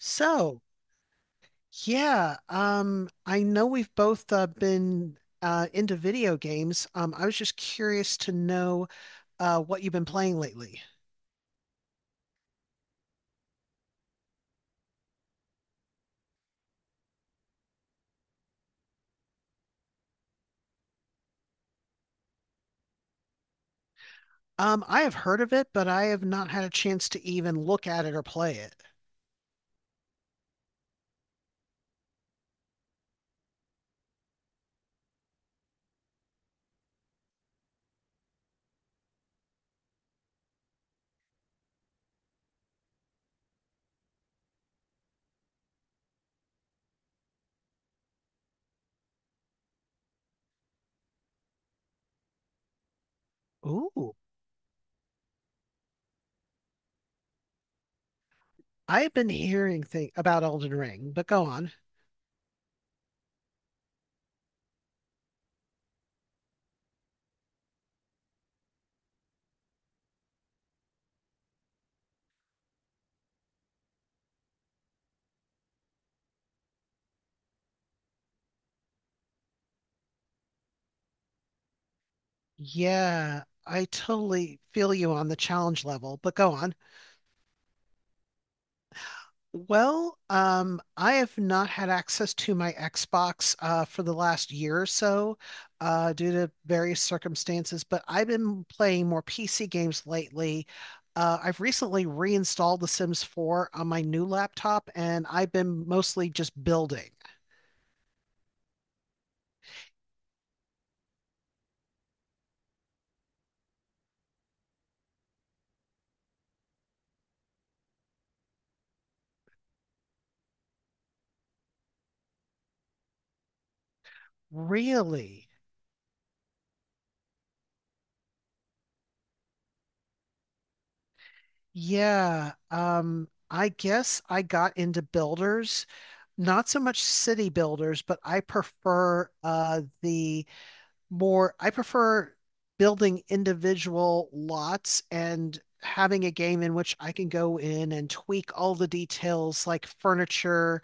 So, yeah, I know we've both been into video games. I was just curious to know what you've been playing lately. I have heard of it, but I have not had a chance to even look at it or play it. Ooh, I've been hearing thing about Elden Ring, but go on. Yeah, I totally feel you on the challenge level, but go on. Well, I have not had access to my Xbox for the last year or so due to various circumstances, but I've been playing more PC games lately. I've recently reinstalled The Sims 4 on my new laptop, and I've been mostly just building. Really? Yeah, I guess I got into builders, not so much city builders, but I prefer the more, I prefer building individual lots and having a game in which I can go in and tweak all the details like furniture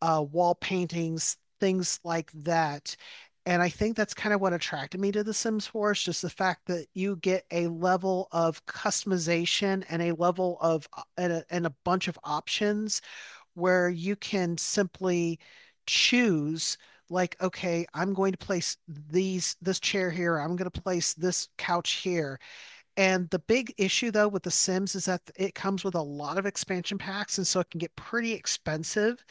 wall paintings, things like that. And I think that's kind of what attracted me to The Sims 4 is just the fact that you get a level of customization and a level of and a bunch of options where you can simply choose like, okay, I'm going to place these this chair here, I'm going to place this couch here. And the big issue though with The Sims is that it comes with a lot of expansion packs, and so it can get pretty expensive.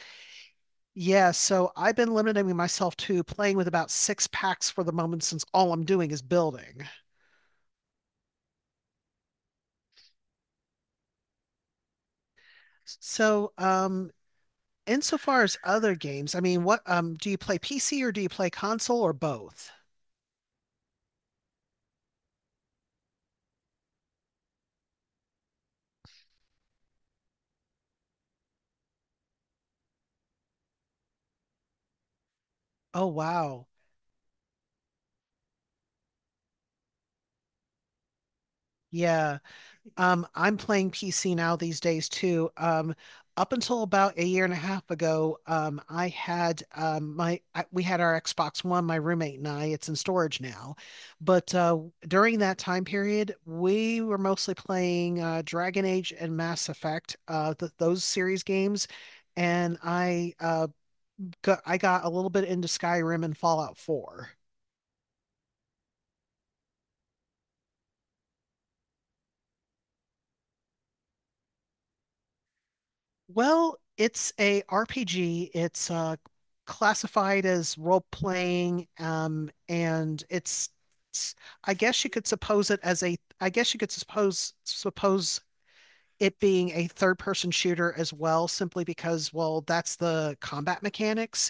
Yeah, so I've been limiting myself to playing with about six packs for the moment since all I'm doing is building. So, um, insofar as other games, I mean, what do you play PC or do you play console or both? Oh, wow. Yeah. I'm playing PC now these days too. Up until about a year and a half ago, I had we had our Xbox One, my roommate and I. It's in storage now, but during that time period, we were mostly playing Dragon Age and Mass Effect, th those series games, and I got a little bit into Skyrim and Fallout 4. Well, it's a RPG. It's classified as role playing, and it's- I guess you could suppose it as a. I guess you could suppose it being a third person shooter as well, simply because well, that's the combat mechanics.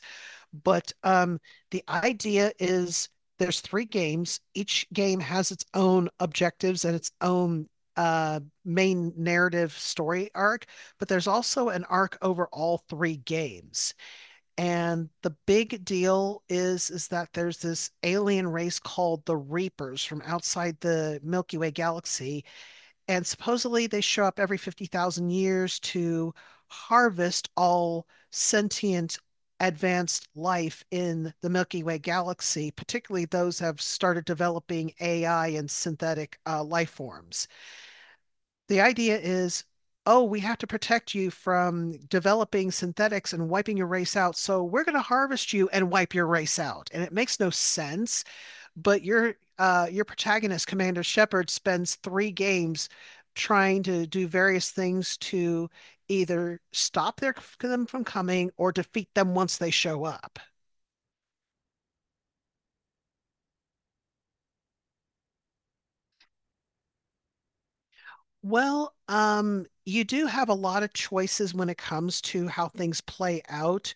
But the idea is there's three games. Each game has its own objectives and its own uh, main narrative story arc, but there's also an arc over all three games. And the big deal is that there's this alien race called the Reapers from outside the Milky Way galaxy, and supposedly they show up every 50,000 years to harvest all sentient advanced life in the Milky Way galaxy, particularly those have started developing AI and synthetic life forms. The idea is, oh, we have to protect you from developing synthetics and wiping your race out. So we're going to harvest you and wipe your race out. And it makes no sense but your protagonist, Commander Shepard, spends three games trying to do various things to either stop them from coming or defeat them once they show up. Well, you do have a lot of choices when it comes to how things play out.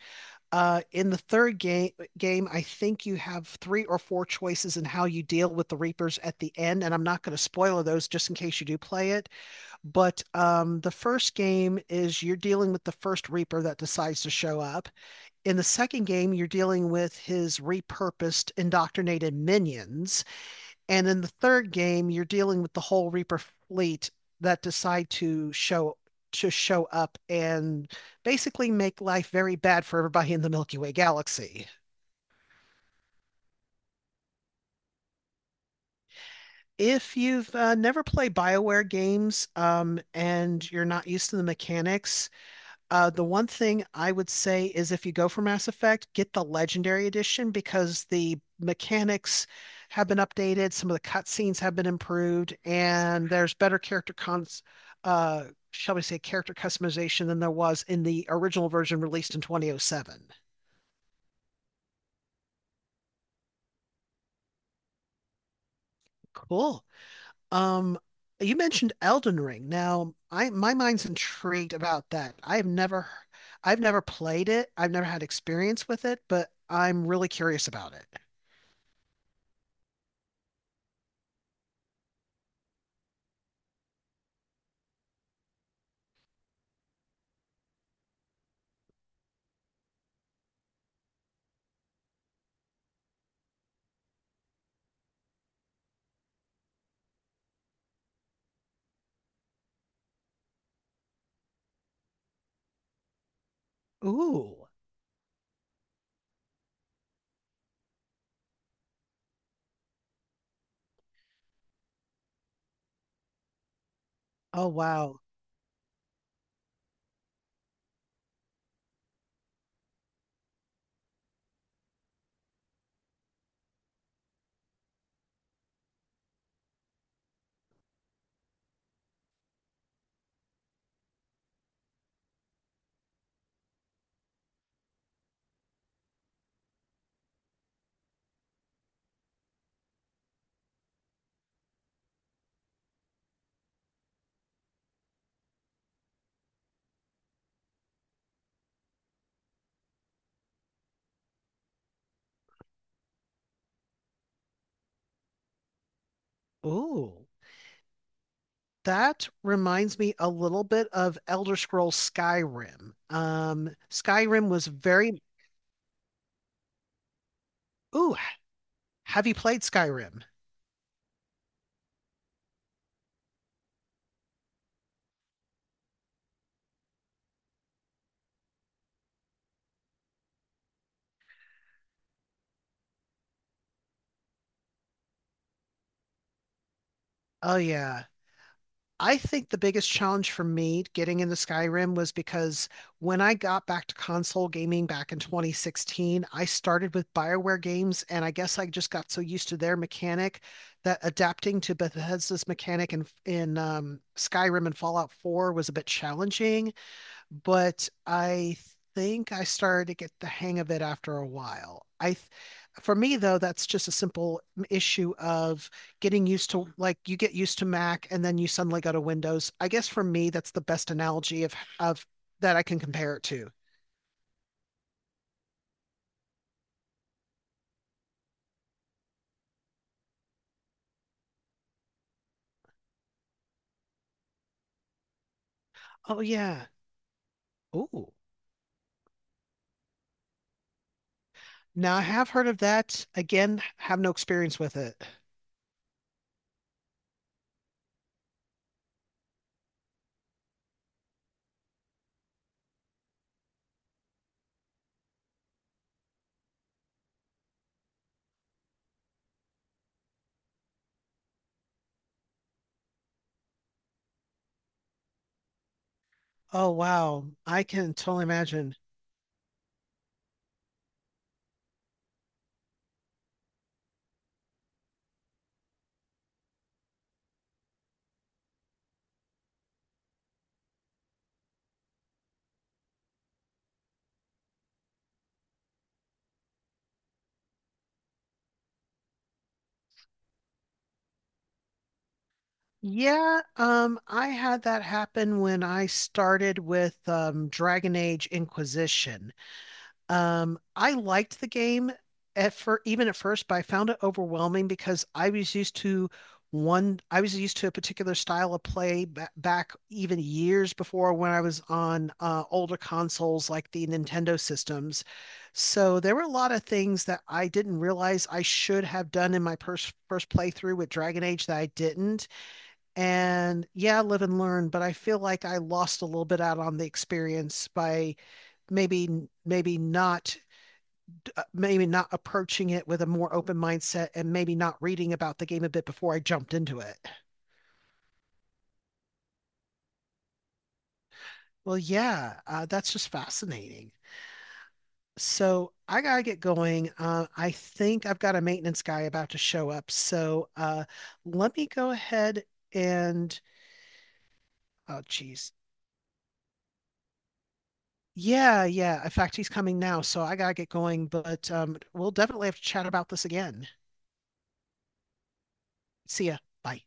In the third game, I think you have three or four choices in how you deal with the Reapers at the end, and I'm not going to spoil those just in case you do play it. But the first game is you're dealing with the first Reaper that decides to show up. In the second game, you're dealing with his repurposed, indoctrinated minions. And in the third game, you're dealing with the whole Reaper fleet that decide to show up and basically make life very bad for everybody in the Milky Way galaxy. If you've never played BioWare games and you're not used to the mechanics, the one thing I would say is if you go for Mass Effect, get the Legendary Edition because the mechanics have been updated, some of the cutscenes have been improved, and there's uh, shall we say, character customization than there was in the original version released in 2007. Cool. Um, you mentioned Elden Ring. Now, I my mind's intrigued about that. I've never played it. I've never had experience with it, but I'm really curious about it. Ooh. Oh, wow. Ooh. That reminds me a little bit of Elder Scrolls Skyrim. Skyrim was very, ooh, have you played Skyrim? Oh yeah. I think the biggest challenge for me getting into Skyrim was because when I got back to console gaming back in 2016, I started with BioWare games, and I guess I just got so used to their mechanic that adapting to Bethesda's mechanic in Skyrim and Fallout 4 was a bit challenging but I think I started to get the hang of it after a while. For me though, that's just a simple issue of getting used to like you get used to Mac and then you suddenly go to Windows. I guess for me, that's the best analogy of that I can compare it to. Oh yeah. Oh, now I have heard of that. Again, have no experience with it. Oh wow, I can totally imagine. Yeah, I had that happen when I started with Dragon Age Inquisition. I liked the game at fir even at first, but I found it overwhelming because I was used to one, I was used to a particular style of play ba back even years before when I was on older consoles like the Nintendo systems. So there were a lot of things that I didn't realize I should have done in my pers first playthrough with Dragon Age that I didn't and yeah, live and learn, but I feel like I lost a little bit out on the experience by maybe maybe not maybe not approaching it with a more open mindset and maybe not reading about the game a bit before I jumped into it. Well, yeah, that's just fascinating. So I gotta get going. I think I've got a maintenance guy about to show up. So let me go ahead and oh, geez, yeah, yeah. In fact, he's coming now, so I gotta get going, but we'll definitely have to chat about this again. See ya. Bye.